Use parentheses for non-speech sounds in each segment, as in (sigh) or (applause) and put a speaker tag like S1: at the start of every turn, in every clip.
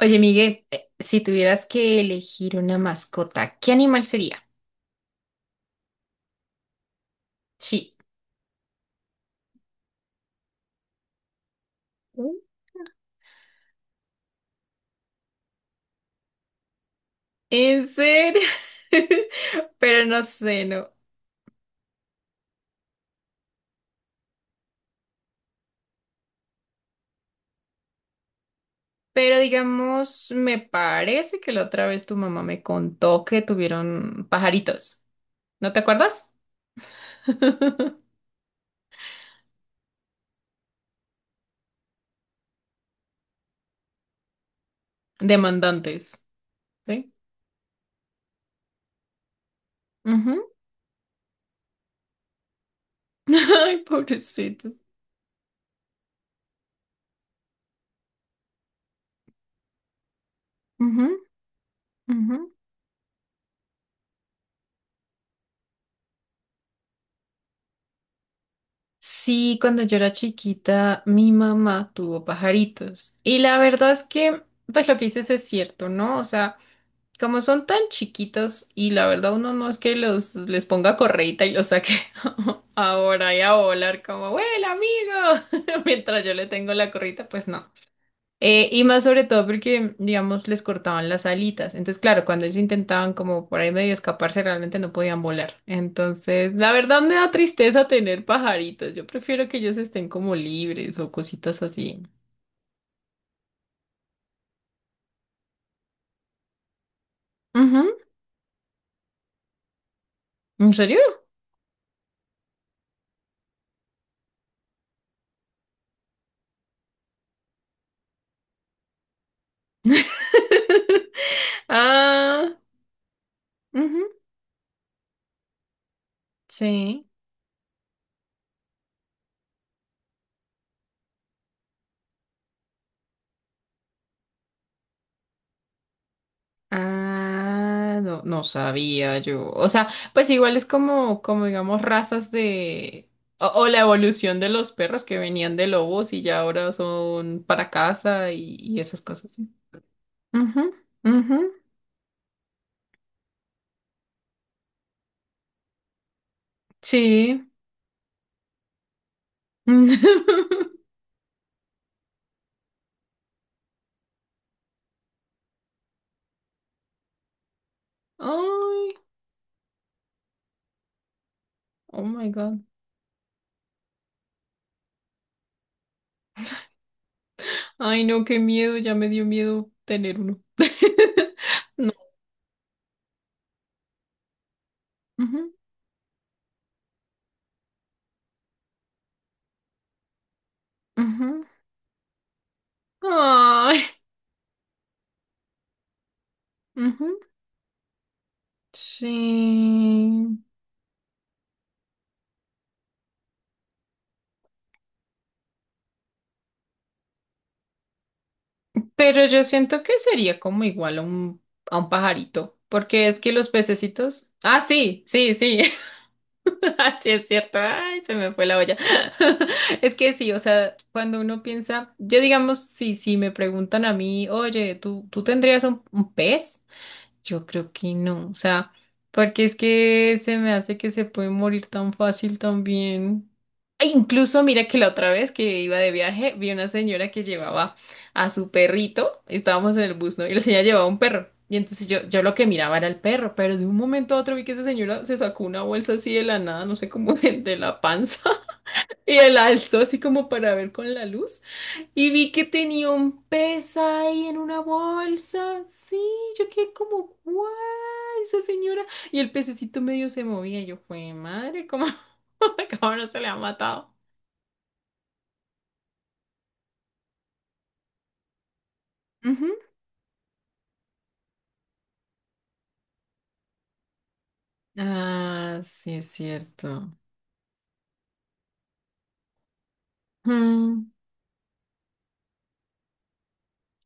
S1: Oye, Miguel, si tuvieras que elegir una mascota, ¿qué animal sería? Sí. ¿Mm? ¿En serio? (laughs) Pero no sé, no. Pero digamos, me parece que la otra vez tu mamá me contó que tuvieron pajaritos. ¿No te acuerdas? (laughs) Demandantes. Sí. Ujú. (laughs) Ay, pobrecito. Ujú, ujú. Sí, cuando yo era chiquita, mi mamá tuvo pajaritos. Y la verdad es que, pues lo que dices es cierto, ¿no? O sea, como son tan chiquitos y la verdad uno no es que los les ponga correita y los saque (laughs) ahora y a volar como, ¡Vuela, amigo! (laughs) Mientras yo le tengo la correita, pues no. Y más sobre todo porque, digamos, les cortaban las alitas. Entonces, claro, cuando ellos intentaban como por ahí medio escaparse, realmente no podían volar. Entonces, la verdad me da tristeza tener pajaritos. Yo prefiero que ellos estén como libres o cositas así. Ujú. ¿En serio? (laughs) Ah, ujú, sí. Ah, no, no sabía yo. O sea, pues igual es como, como digamos, razas de... O, o la evolución de los perros que venían de lobos y ya ahora son para casa y, esas cosas. Sí. Ujú, ujú, sí. (laughs) Ay, oh my God. Ay, no, qué miedo, ya me dio miedo tener uno. (laughs) No. Ujú, ujú. Ay, ujú, sí. Pero yo siento que sería como igual a a un pajarito, porque es que los pececitos... Ah, sí, sí, sí, (laughs) sí es cierto, ay, se me fue la olla. (laughs) Es que sí, o sea, cuando uno piensa, yo digamos, si me preguntan a mí, oye, ¿ tú tendrías un pez? Yo creo que no, o sea, porque es que se me hace que se puede morir tan fácil también. E incluso mira que la otra vez que iba de viaje, vi una señora que llevaba a su perrito, estábamos en el bus, ¿no? Y la señora llevaba un perro. Y entonces yo lo que miraba era el perro, pero de un momento a otro vi que esa señora se sacó una bolsa así de la nada, no sé cómo (laughs) de la panza, (laughs) y la alzó así como para ver con la luz. Y vi que tenía un pez ahí en una bolsa. Sí, yo quedé como, ¡guau! Esa señora. Y el pececito medio se movía. Y yo, fue madre, ¿cómo, (laughs) cómo no se le ha matado? Ujú. Ah, sí, es cierto. Mm.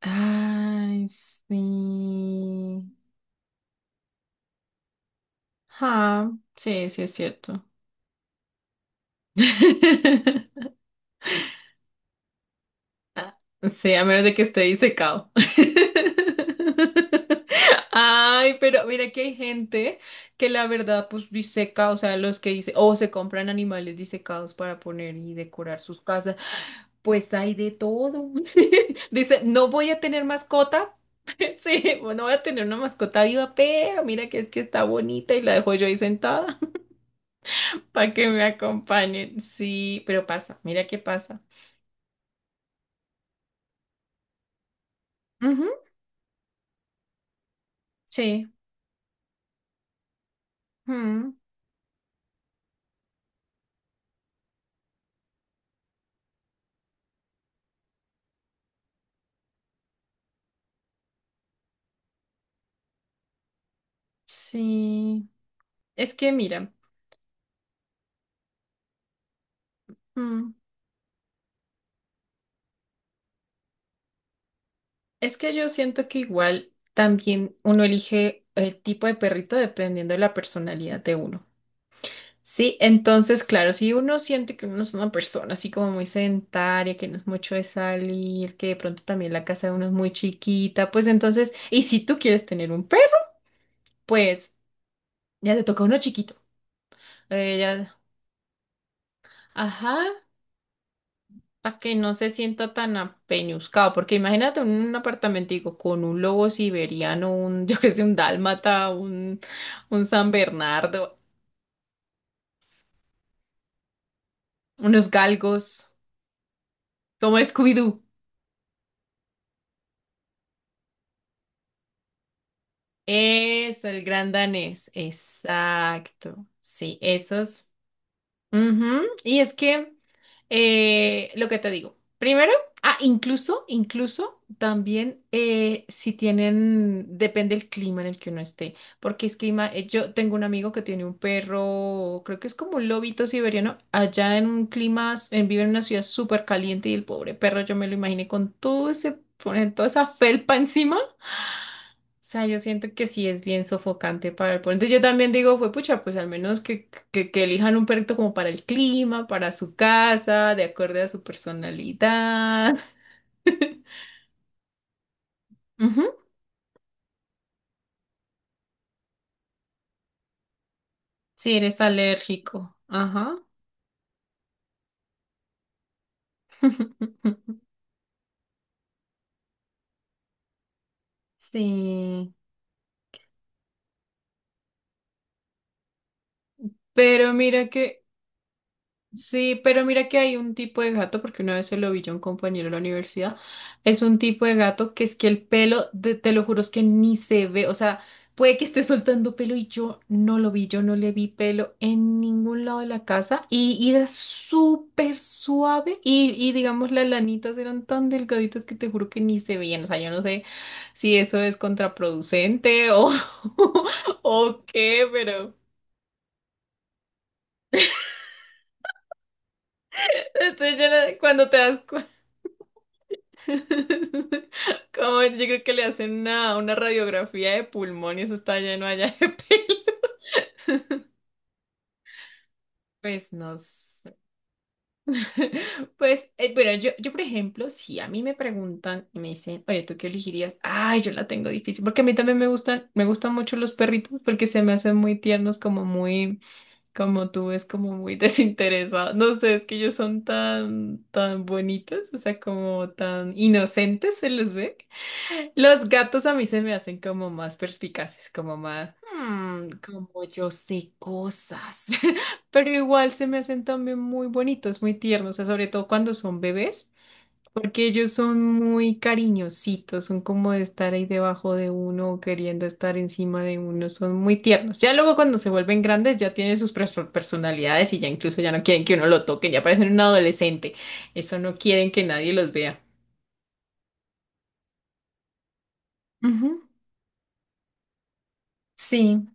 S1: Ay, sí. Ah, sí, sí, es cierto. (laughs) Sí, a menos de que esté disecado. (laughs) Ay, pero mira que hay gente que la verdad pues diseca, o sea, los que dice, o se compran animales disecados para poner y decorar sus casas, pues hay de todo. (laughs) Dice, no voy a tener mascota, (laughs) sí, pues, no voy a tener una mascota viva, pero mira que es que está bonita y la dejo yo ahí sentada (laughs) para que me acompañen. Sí, pero pasa, mira qué pasa. Ujú, sí, ujú, sí. Es que mira, mm, es que yo siento que igual también uno elige el tipo de perrito dependiendo de la personalidad de uno. Sí, entonces, claro, si uno siente que uno no es una persona así como muy sedentaria, que no es mucho de salir, que de pronto también la casa de uno es muy chiquita, pues entonces, y si tú quieres tener un perro, pues ya te toca uno chiquito. Ya, ajá. A que no se sienta tan apeñuscado, porque imagínate un apartamentico con un lobo siberiano, un, (laughs) yo qué sé, un dálmata, un San Bernardo, unos galgos, como Scooby-Doo. Eso, el gran danés, exacto. Sí, esos. Ujú, y es que lo que te digo, primero, ah, incluso, incluso también si tienen, depende el clima en el que uno esté, porque es clima, yo tengo un amigo que tiene un perro, creo que es como un lobito siberiano, allá en un clima, s- en- vive en una ciudad súper caliente y el pobre perro, yo me lo imaginé con todo ese, con toda esa felpa encima sea, yo siento que sí es bien sofocante para el pueblo. Entonces yo también digo, fue pucha, pues al menos que elijan un perrito como para el clima, para su casa, de acuerdo a su personalidad. Ujú. Si eres alérgico. Ajá. (laughs) Sí. Pero mira que sí, pero mira que hay un tipo de gato, porque una vez se lo vi yo a un compañero de la universidad, es un tipo de gato que es que el pelo, de- te lo juro, es que ni se ve, o sea, puede que esté soltando pelo y yo no lo vi, yo no le vi pelo en ningún lado de la casa y era súper suave y digamos las lanitas eran tan delgaditas que te juro que ni se veían, o sea, yo no sé si eso es contraproducente o, (laughs) o qué, pero... Entonces, yo no- cuando te das cuenta. (laughs) Como yo creo que le hacen una radiografía de pulmón y eso está lleno allá (laughs) de pelo. Pues no sé. (laughs) Pues, bueno, yo, por ejemplo, si a mí me preguntan y me dicen, oye, ¿tú qué elegirías? Ay, yo la tengo difícil, porque a mí también me gustan mucho los perritos porque se me hacen muy tiernos, como muy... Como tú es como muy (laughs) desinteresado. No sé, es que ellos son tan, tan bonitos, o sea, como tan inocentes se les ve. Los gatos a mí se me hacen como más perspicaces, como más, "Hmm, como yo sé cosas." (laughs) Pero igual se me hacen también muy bonitos, muy tiernos, o sea, sobre todo cuando son bebés. Porque ellos son muy cariñositos, son como de estar ahí debajo de uno o queriendo estar encima de uno, son muy tiernos. Ya luego cuando se vuelven grandes ya tienen sus perso- personalidades y ya incluso ya no quieren que uno lo toque, ya parecen un adolescente. Eso no quieren que nadie los vea. Ujú, sí.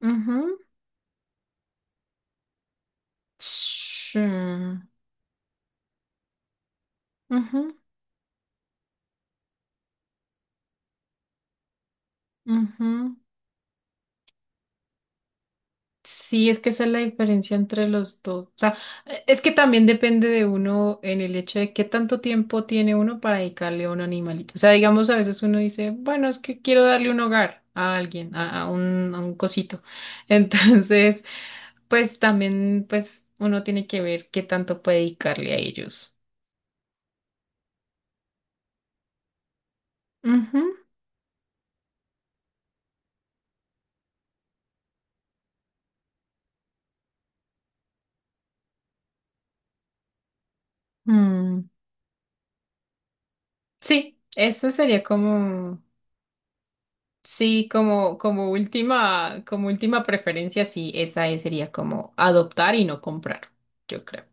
S1: Ujú, sí. Ujú, ujú, sí, es que esa es la diferencia entre los dos. O sea, e- es que también depende de uno en el hecho de qué tanto tiempo tiene uno para dedicarle a un animalito. O sea, digamos, a veces uno dice, bueno, es que quiero darle un hogar a alguien, a un cosito. (laughs) Entonces, pues también, pues uno tiene que ver qué tanto puede dedicarle a ellos. Ujú. Mm, sí, eso sería como... Sí, como, como última preferencia, sí, esa es- sería como adoptar y no comprar, yo creo.